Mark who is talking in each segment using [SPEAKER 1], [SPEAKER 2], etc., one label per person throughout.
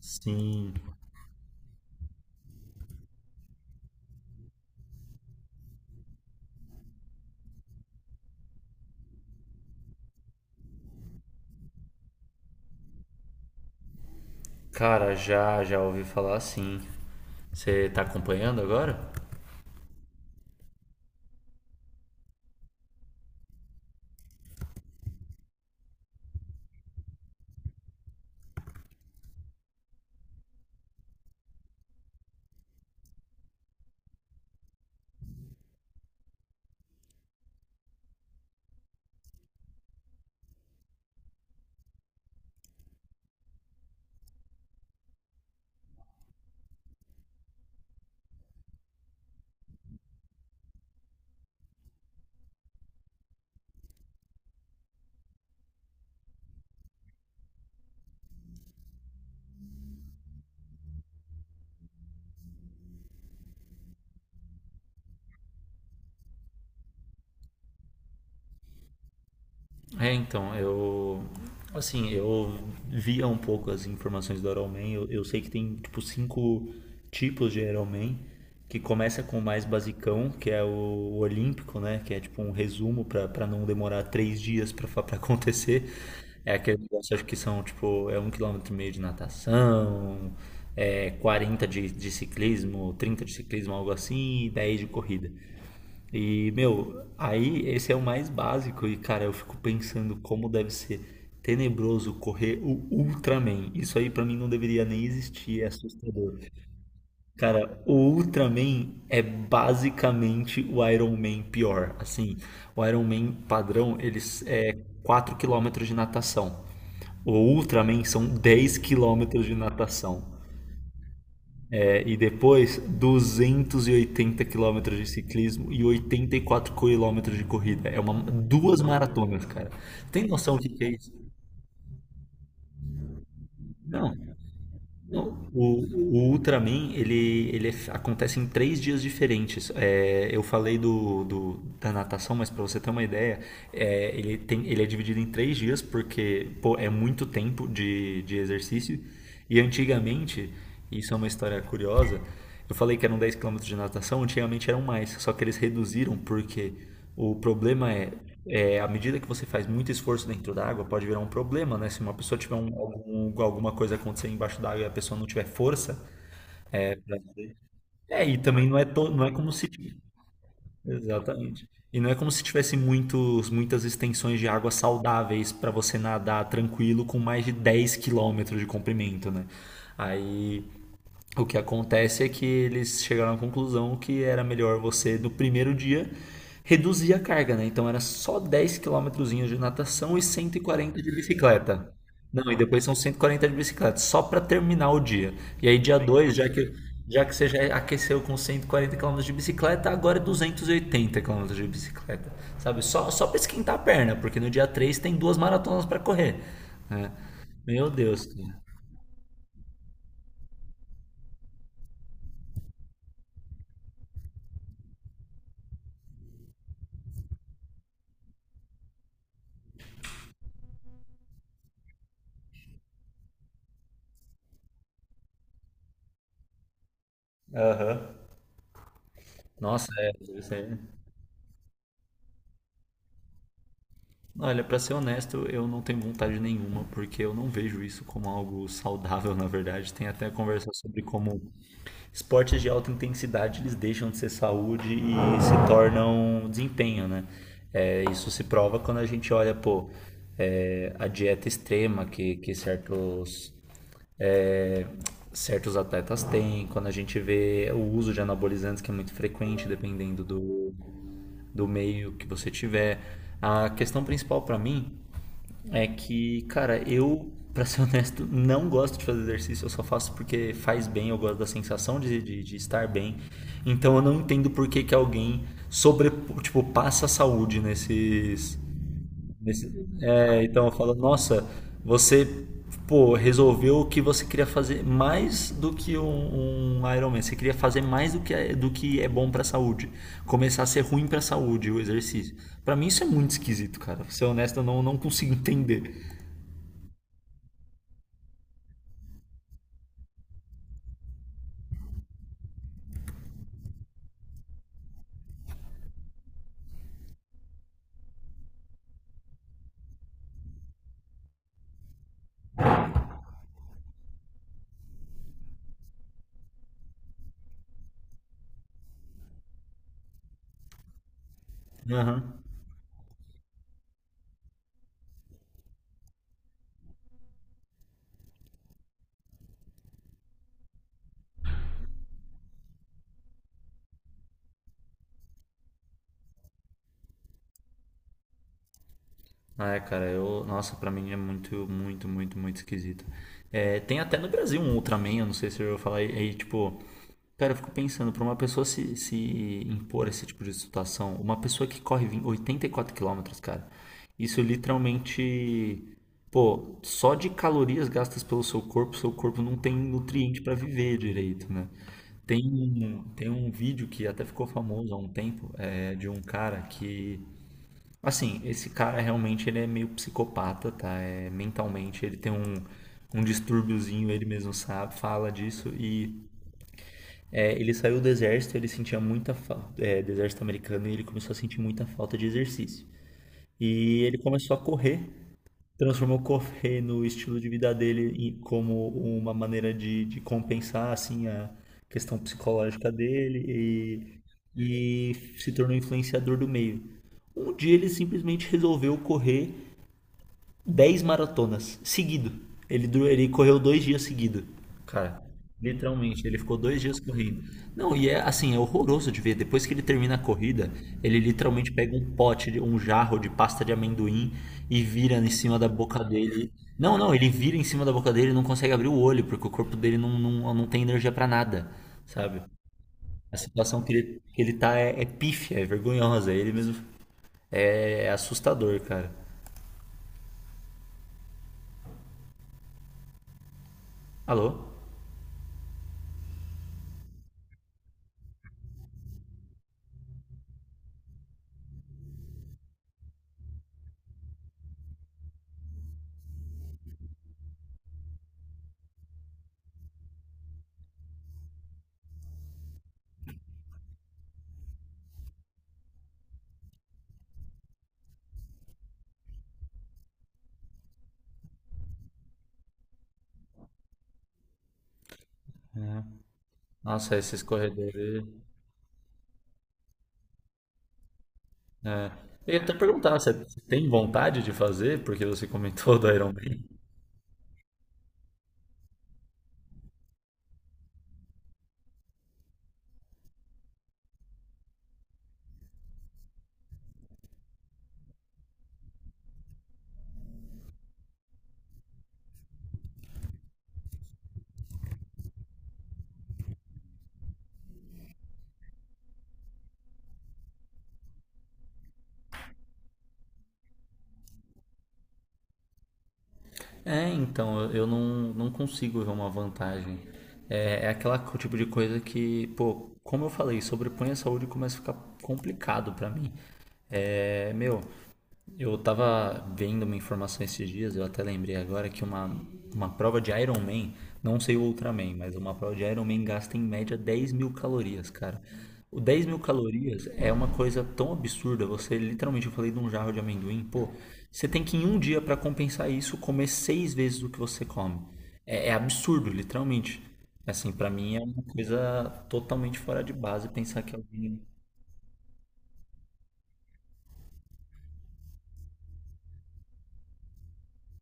[SPEAKER 1] Sim. Cara, já ouvi falar, sim. Você tá acompanhando agora? É, então, eu. Assim, eu via um pouco as informações do Iron Man. Eu sei que tem, tipo, cinco tipos de Iron Man. Que começa com o mais basicão, que é o Olímpico, né? Que é, tipo, um resumo pra não demorar 3 dias pra acontecer. É aquele negócio, acho que são, tipo, é 1,5 quilômetro de natação, é 40 de ciclismo, 30 de ciclismo, algo assim, e 10 de corrida. E, meu, aí esse é o mais básico e, cara, eu fico pensando como deve ser tenebroso correr o Ultraman. Isso aí pra mim não deveria nem existir, é assustador. Cara, o Ultraman é basicamente o Iron Man pior. Assim, o Iron Man padrão, eles é 4 quilômetros de natação. O Ultraman são 10 quilômetros de natação. E depois, 280 quilômetros de ciclismo e 84 quilômetros de corrida. É duas maratonas, cara. Tem noção do que é isso? Não. O, o Ultraman, ele, acontece em 3 dias diferentes. É, eu falei da natação, mas para você ter uma ideia, é, ele, tem, ele é dividido em 3 dias porque, pô, é muito tempo de exercício. E antigamente, isso é uma história curiosa, eu falei que eram 10 quilômetros de natação, antigamente eram mais, só que eles reduziram porque o problema é à medida que você faz muito esforço dentro da água, pode virar um problema, né? Se uma pessoa tiver alguma coisa acontecer embaixo da água e a pessoa não tiver força, é, e também não é, to- não é como se. Exatamente. E não é como se tivesse muitas extensões de água saudáveis para você nadar tranquilo com mais de 10 quilômetros de comprimento, né? Aí o que acontece é que eles chegaram à conclusão que era melhor você, do primeiro dia, reduzir a carga, né? Então era só 10 quilômetrozinhos de natação e 140 de bicicleta. Não, e depois são 140 de bicicleta, só para terminar o dia. E aí dia 2, já que você já aqueceu com 140 quilômetros de bicicleta, agora é 280 quilômetros de bicicleta, sabe? Só para esquentar a perna, porque no dia 3 tem duas maratonas para correr, né? Meu Deus, cara. Aham. Nossa, é, isso aí. Olha, para ser honesto, eu não tenho vontade nenhuma, porque eu não vejo isso como algo saudável, na verdade. Tem até conversa sobre como esportes de alta intensidade eles deixam de ser saúde e se tornam desempenho, né? É, isso se prova quando a gente olha, pô, é, a dieta extrema que é, certos atletas têm, quando a gente vê o uso de anabolizantes que é muito frequente, dependendo do meio que você tiver. A questão principal para mim é que, cara, eu, para ser honesto, não gosto de fazer exercício, eu só faço porque faz bem, eu gosto da sensação de estar bem. Então eu não entendo por que alguém sobre, passa a saúde Nesse- é, então eu falo, nossa, você, pô, resolveu o que você queria fazer mais do que um Ironman. Você queria fazer mais do que é bom pra saúde. Começar a ser ruim pra saúde o exercício. Pra mim isso é muito esquisito, cara. Pra ser honesto, eu não consigo entender. Aham. Ah, é, cara, eu, nossa, pra mim é muito, muito, muito, muito esquisito. É, tem até no Brasil um Ultraman, eu não sei se eu vou falar aí, tipo, cara, eu fico pensando, para uma pessoa se impor a esse tipo de situação, uma pessoa que corre 20 84 quilômetros, cara, isso literalmente, pô, só de calorias gastas pelo seu corpo não tem nutriente para viver direito, né? Tem tem um vídeo que até ficou famoso há um tempo, é, de um cara que, assim, esse cara realmente ele é meio psicopata, tá? É, mentalmente ele tem um distúrbiozinho, ele mesmo sabe, fala disso e é, ele saiu do exército, ele sentia muita falta, é, do exército americano, e ele começou a sentir muita falta de exercício. E ele começou a correr, transformou correr no estilo de vida dele como uma maneira de compensar, assim, a questão psicológica dele e se tornou influenciador do meio. Um dia ele simplesmente resolveu correr 10 maratonas seguido. Ele correu 2 dias seguido. Cara, literalmente, ele ficou 2 dias correndo. Não, e é assim, é horroroso de ver. Depois que ele termina a corrida, ele literalmente pega um jarro de pasta de amendoim e vira em cima da boca dele. Não, não, ele vira em cima da boca dele e não consegue abrir o olho, porque o corpo dele não, não, não tem energia pra nada, sabe? A situação que ele tá é, é pífia, é vergonhosa. Ele mesmo é assustador, cara. Alô? Nossa, esses corredores. É. Eu ia até perguntar, você tem vontade de fazer? Porque você comentou do Iron Man. É, então, eu não consigo ver uma vantagem. É, é tipo de coisa que, pô, como eu falei, sobrepõe a saúde e começa a ficar complicado pra mim. É, meu. Eu tava vendo uma informação esses dias, eu até lembrei agora que uma prova de Iron Man, não sei o Ultraman, mas uma prova de Iron Man gasta em média 10.000 calorias, cara. O 10.000 calorias é uma coisa tão absurda, você literalmente, eu falei de um jarro de amendoim, pô, você tem que em um dia pra compensar isso comer seis vezes o que você come. É, é absurdo, literalmente. Assim, pra mim é uma coisa totalmente fora de base pensar que alguém.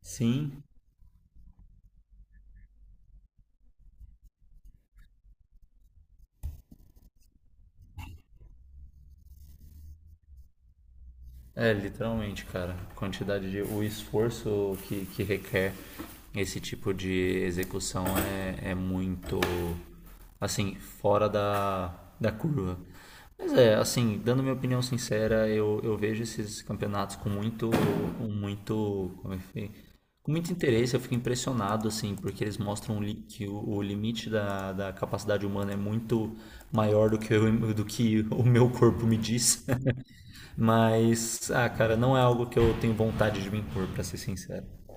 [SPEAKER 1] Sim. É, literalmente, cara. Quantidade de. O esforço que requer esse tipo de execução é, é muito. Assim, fora da curva. Mas é, assim, dando minha opinião sincera, eu vejo esses campeonatos com muito. Com muito. Como é que foi? Com muito interesse, eu fico impressionado, assim, porque eles mostram que o limite da capacidade humana é muito maior do que, do que o meu corpo me diz. Mas, ah, cara, não é algo que eu tenho vontade de me impor, pra ser sincero.